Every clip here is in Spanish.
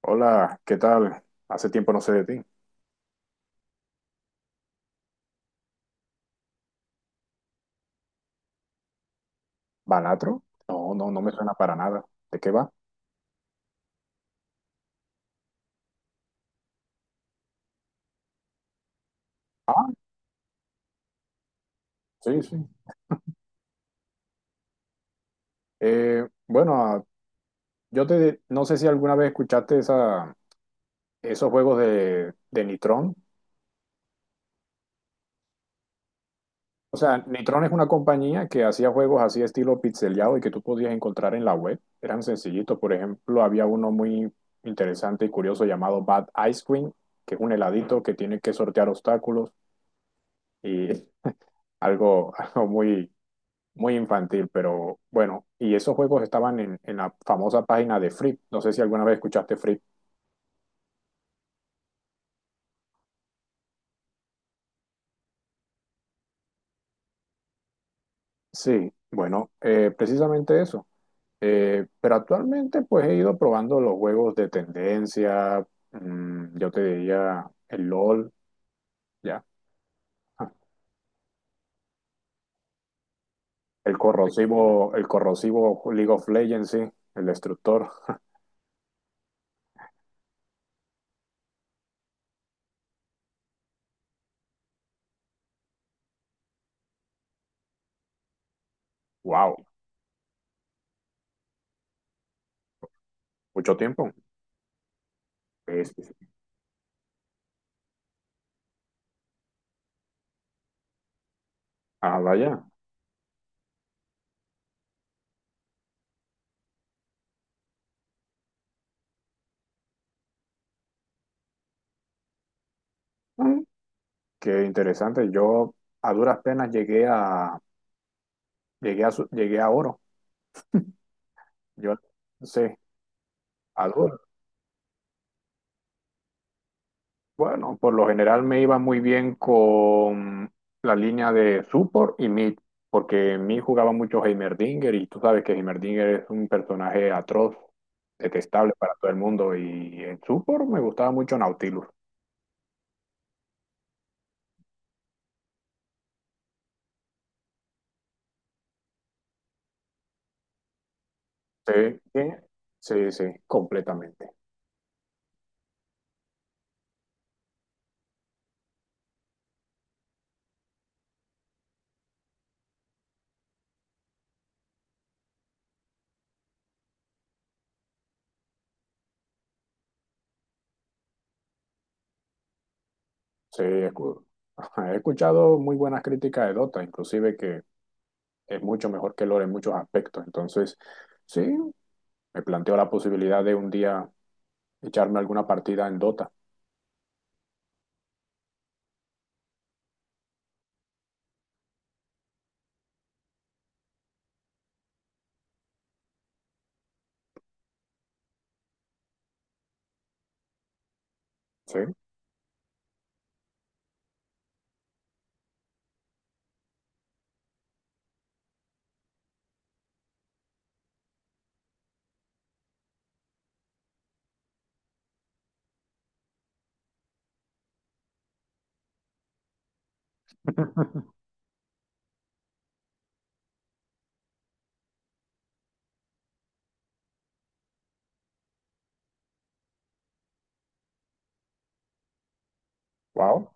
Hola, ¿qué tal? Hace tiempo no sé de ti. ¿Banatro? No, no, no me suena para nada. ¿De qué va? Ah, sí, sí. Bueno, no sé si alguna vez escuchaste esos juegos de Nitron. O sea, Nitron es una compañía que hacía juegos así estilo pixeleado y que tú podías encontrar en la web. Eran sencillitos. Por ejemplo, había uno muy interesante y curioso llamado Bad Ice Cream, que es un heladito que tiene que sortear obstáculos y algo muy muy infantil, pero bueno, y esos juegos estaban en la famosa página de Free. No sé si alguna vez escuchaste Free. Sí, bueno, precisamente eso. Pero actualmente pues he ido probando los juegos de tendencia, yo te diría el LOL, ya. Ah, el corrosivo League of Legends, sí, el destructor. Wow, mucho tiempo. Sí, sí, sí. Ah, vaya. Mm. Qué interesante. Yo a duras penas llegué a oro. Yo, sí, algo. Bueno, por lo general me iba muy bien con la línea de support y mid, porque en mid jugaba mucho Heimerdinger y tú sabes que Heimerdinger es un personaje atroz, detestable para todo el mundo, y en support me gustaba mucho Nautilus. Sí, sí, sí, sí, completamente. Sí, ajá, he escuchado muy buenas críticas de Dota, inclusive que es mucho mejor que lore en muchos aspectos. Entonces, sí, me planteo la posibilidad de un día echarme alguna partida en Dota. Sí. Wow,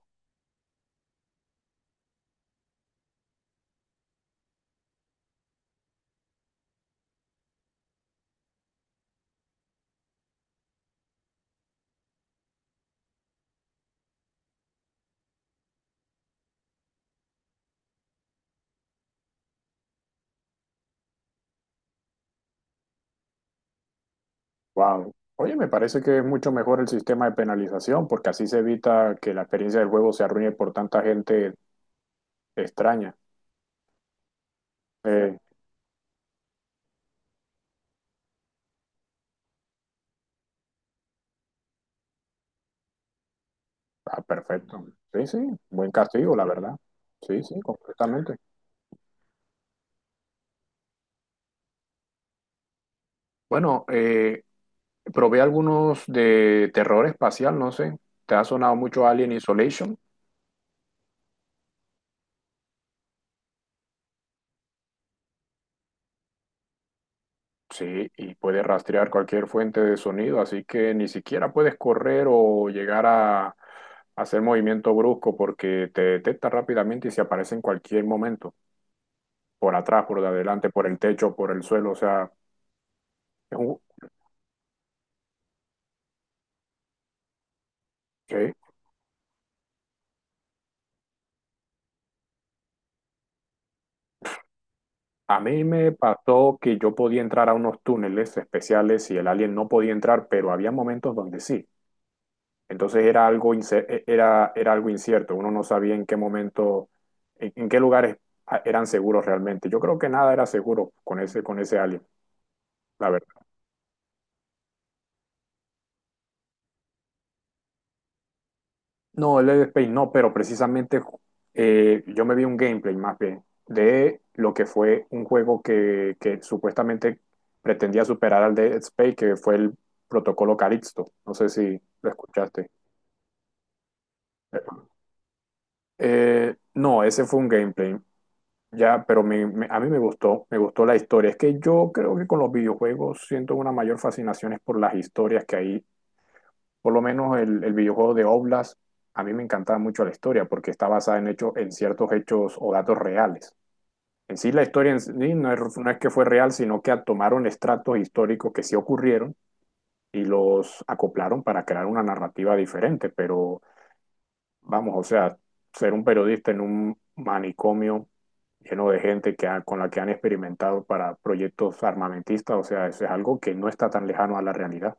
wow. Oye, me parece que es mucho mejor el sistema de penalización porque así se evita que la experiencia del juego se arruine por tanta gente extraña. Eh, ah, perfecto. Sí, sí, buen castigo, la verdad. Sí, sí, completamente. Bueno, probé algunos de terror espacial, no sé. ¿Te ha sonado mucho Alien Isolation? Sí, y puede rastrear cualquier fuente de sonido, así que ni siquiera puedes correr o llegar a hacer movimiento brusco porque te detecta rápidamente y se aparece en cualquier momento, por atrás, por de adelante, por el techo, por el suelo, o sea, es un... ¿Qué? A mí me pasó que yo podía entrar a unos túneles especiales y el alien no podía entrar, pero había momentos donde sí. Entonces era algo, era algo incierto, uno no sabía en qué momento, en qué lugares eran seguros realmente. Yo creo que nada era seguro con ese alien, la verdad. No, el Dead Space no, pero precisamente yo me vi un gameplay más bien de lo que fue un juego que supuestamente pretendía superar al Dead Space, que fue el Protocolo Calixto. No sé si lo escuchaste. No, ese fue un gameplay. Ya, pero a mí me gustó la historia. Es que yo creo que con los videojuegos siento una mayor fascinación es por las historias que hay. Por lo menos el videojuego de Oblast, a mí me encantaba mucho la historia porque está basada en hechos, en ciertos hechos o datos reales. En sí, la historia en sí no es que fue real, sino que tomaron estratos históricos que sí ocurrieron y los acoplaron para crear una narrativa diferente. Pero vamos, o sea, ser un periodista en un manicomio lleno de gente con la que han experimentado para proyectos armamentistas, o sea, eso es algo que no está tan lejano a la realidad.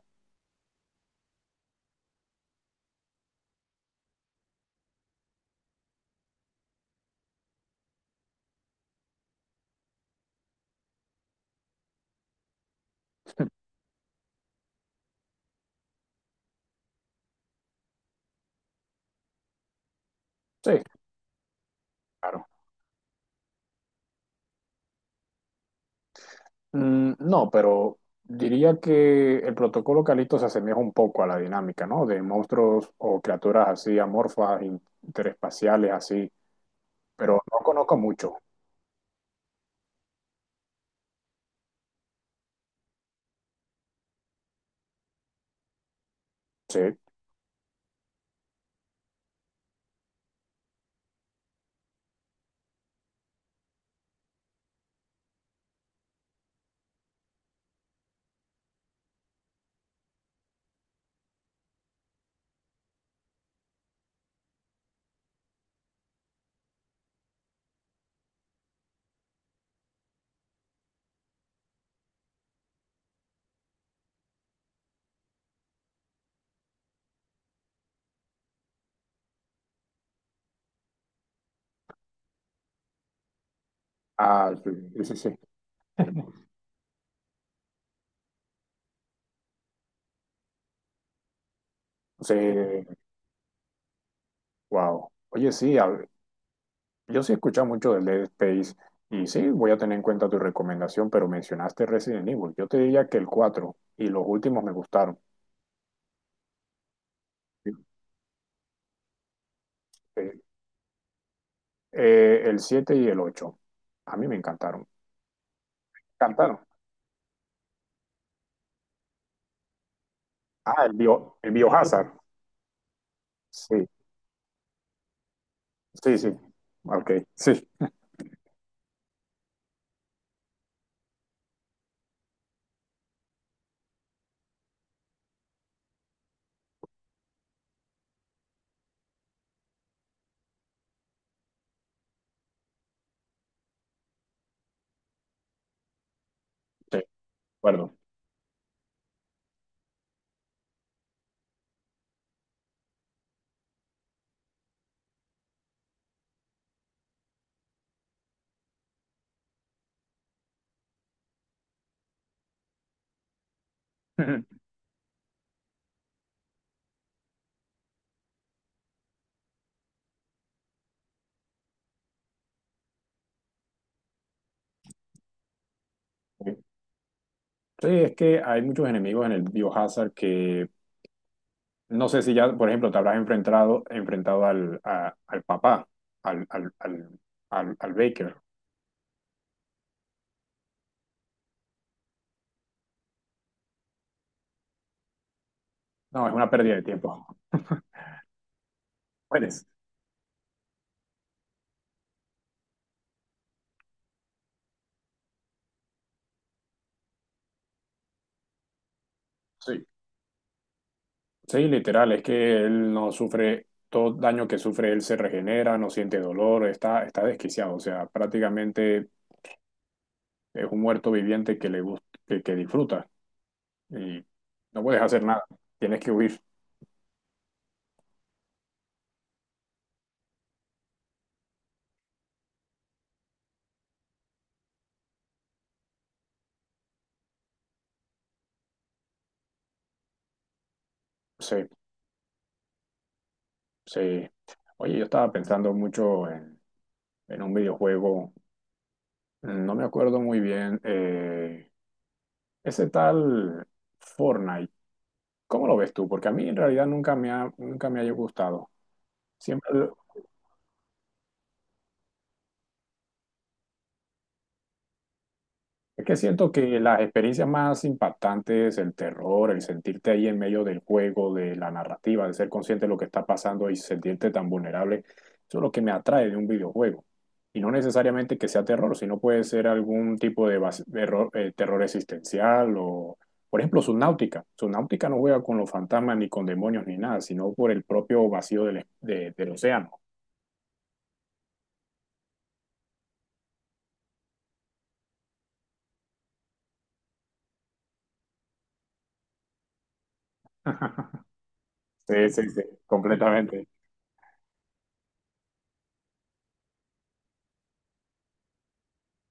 Sí, claro. Mm, no, pero diría que el protocolo Calixto se asemeja un poco a la dinámica, ¿no? De monstruos o criaturas así amorfas, interespaciales, así, pero no conozco mucho. Sí. Ah, sí, sí, sí. Sí, wow. Oye, sí, yo sí he escuchado mucho del Dead Space y sí, voy a tener en cuenta tu recomendación, pero mencionaste Resident Evil. Yo te diría que el cuatro y los últimos me gustaron. Eh, el 7 y el 8 a mí me encantaron. Encantaron. Ah, el bio, el Biohazard. Sí, sí, sí. Ok, sí, sí, de acuerdo. Sí, es que hay muchos enemigos en el Biohazard que no sé si ya, por ejemplo, te habrás enfrentado al papá, al, al, al, al Baker. No, es una pérdida de tiempo. Mueres. Sí. Sí, literal, es que él no sufre, todo daño que sufre él se regenera, no siente dolor, está desquiciado, o sea, prácticamente es un muerto viviente que le gusta, que disfruta y no puedes hacer nada, tienes que huir. Sí, sí. Oye, yo estaba pensando mucho en un videojuego, no me acuerdo muy bien, ese tal Fortnite, ¿cómo lo ves tú? Porque a mí en realidad nunca me haya gustado. Siempre. Es que siento que las experiencias más impactantes, el terror, el sentirte ahí en medio del juego, de la narrativa, de ser consciente de lo que está pasando y sentirte tan vulnerable, eso es lo que me atrae de un videojuego. Y no necesariamente que sea terror, sino puede ser algún tipo de terror existencial o, por ejemplo, Subnautica. Subnautica no juega con los fantasmas ni con demonios ni nada, sino por el propio vacío del océano. Sí, sí, sí, completamente.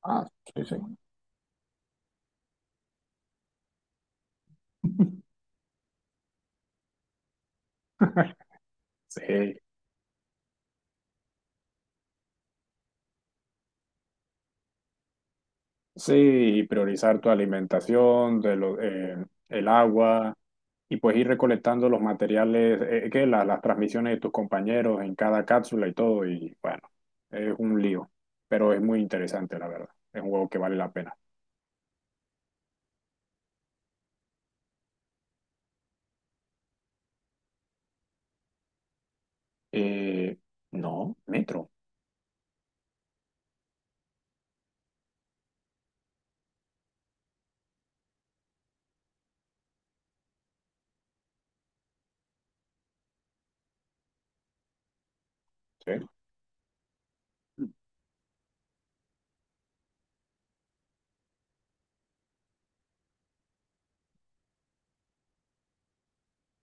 Ah, sí, sí. Sí. Sí, y priorizar tu alimentación, el agua, y pues ir recolectando los materiales, que las transmisiones de tus compañeros en cada cápsula y todo, y bueno, es un lío, pero es muy interesante, la verdad. Es un juego que vale la pena. Eh, no, Metro, sí,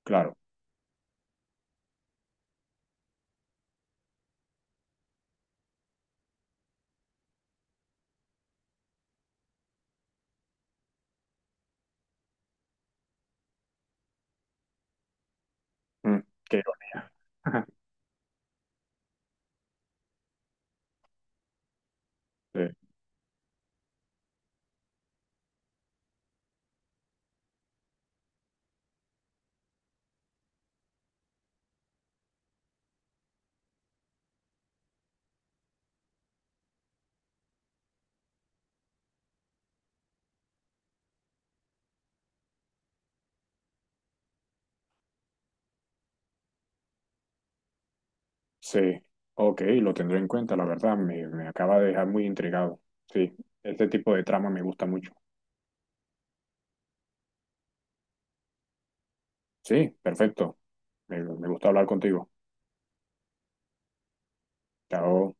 claro. Mm, qué ironía. Sí, sí, ok, lo tendré en cuenta, la verdad, me acaba de dejar muy intrigado. Sí, este tipo de trama me gusta mucho. Sí, perfecto. Me gusta hablar contigo. Chao.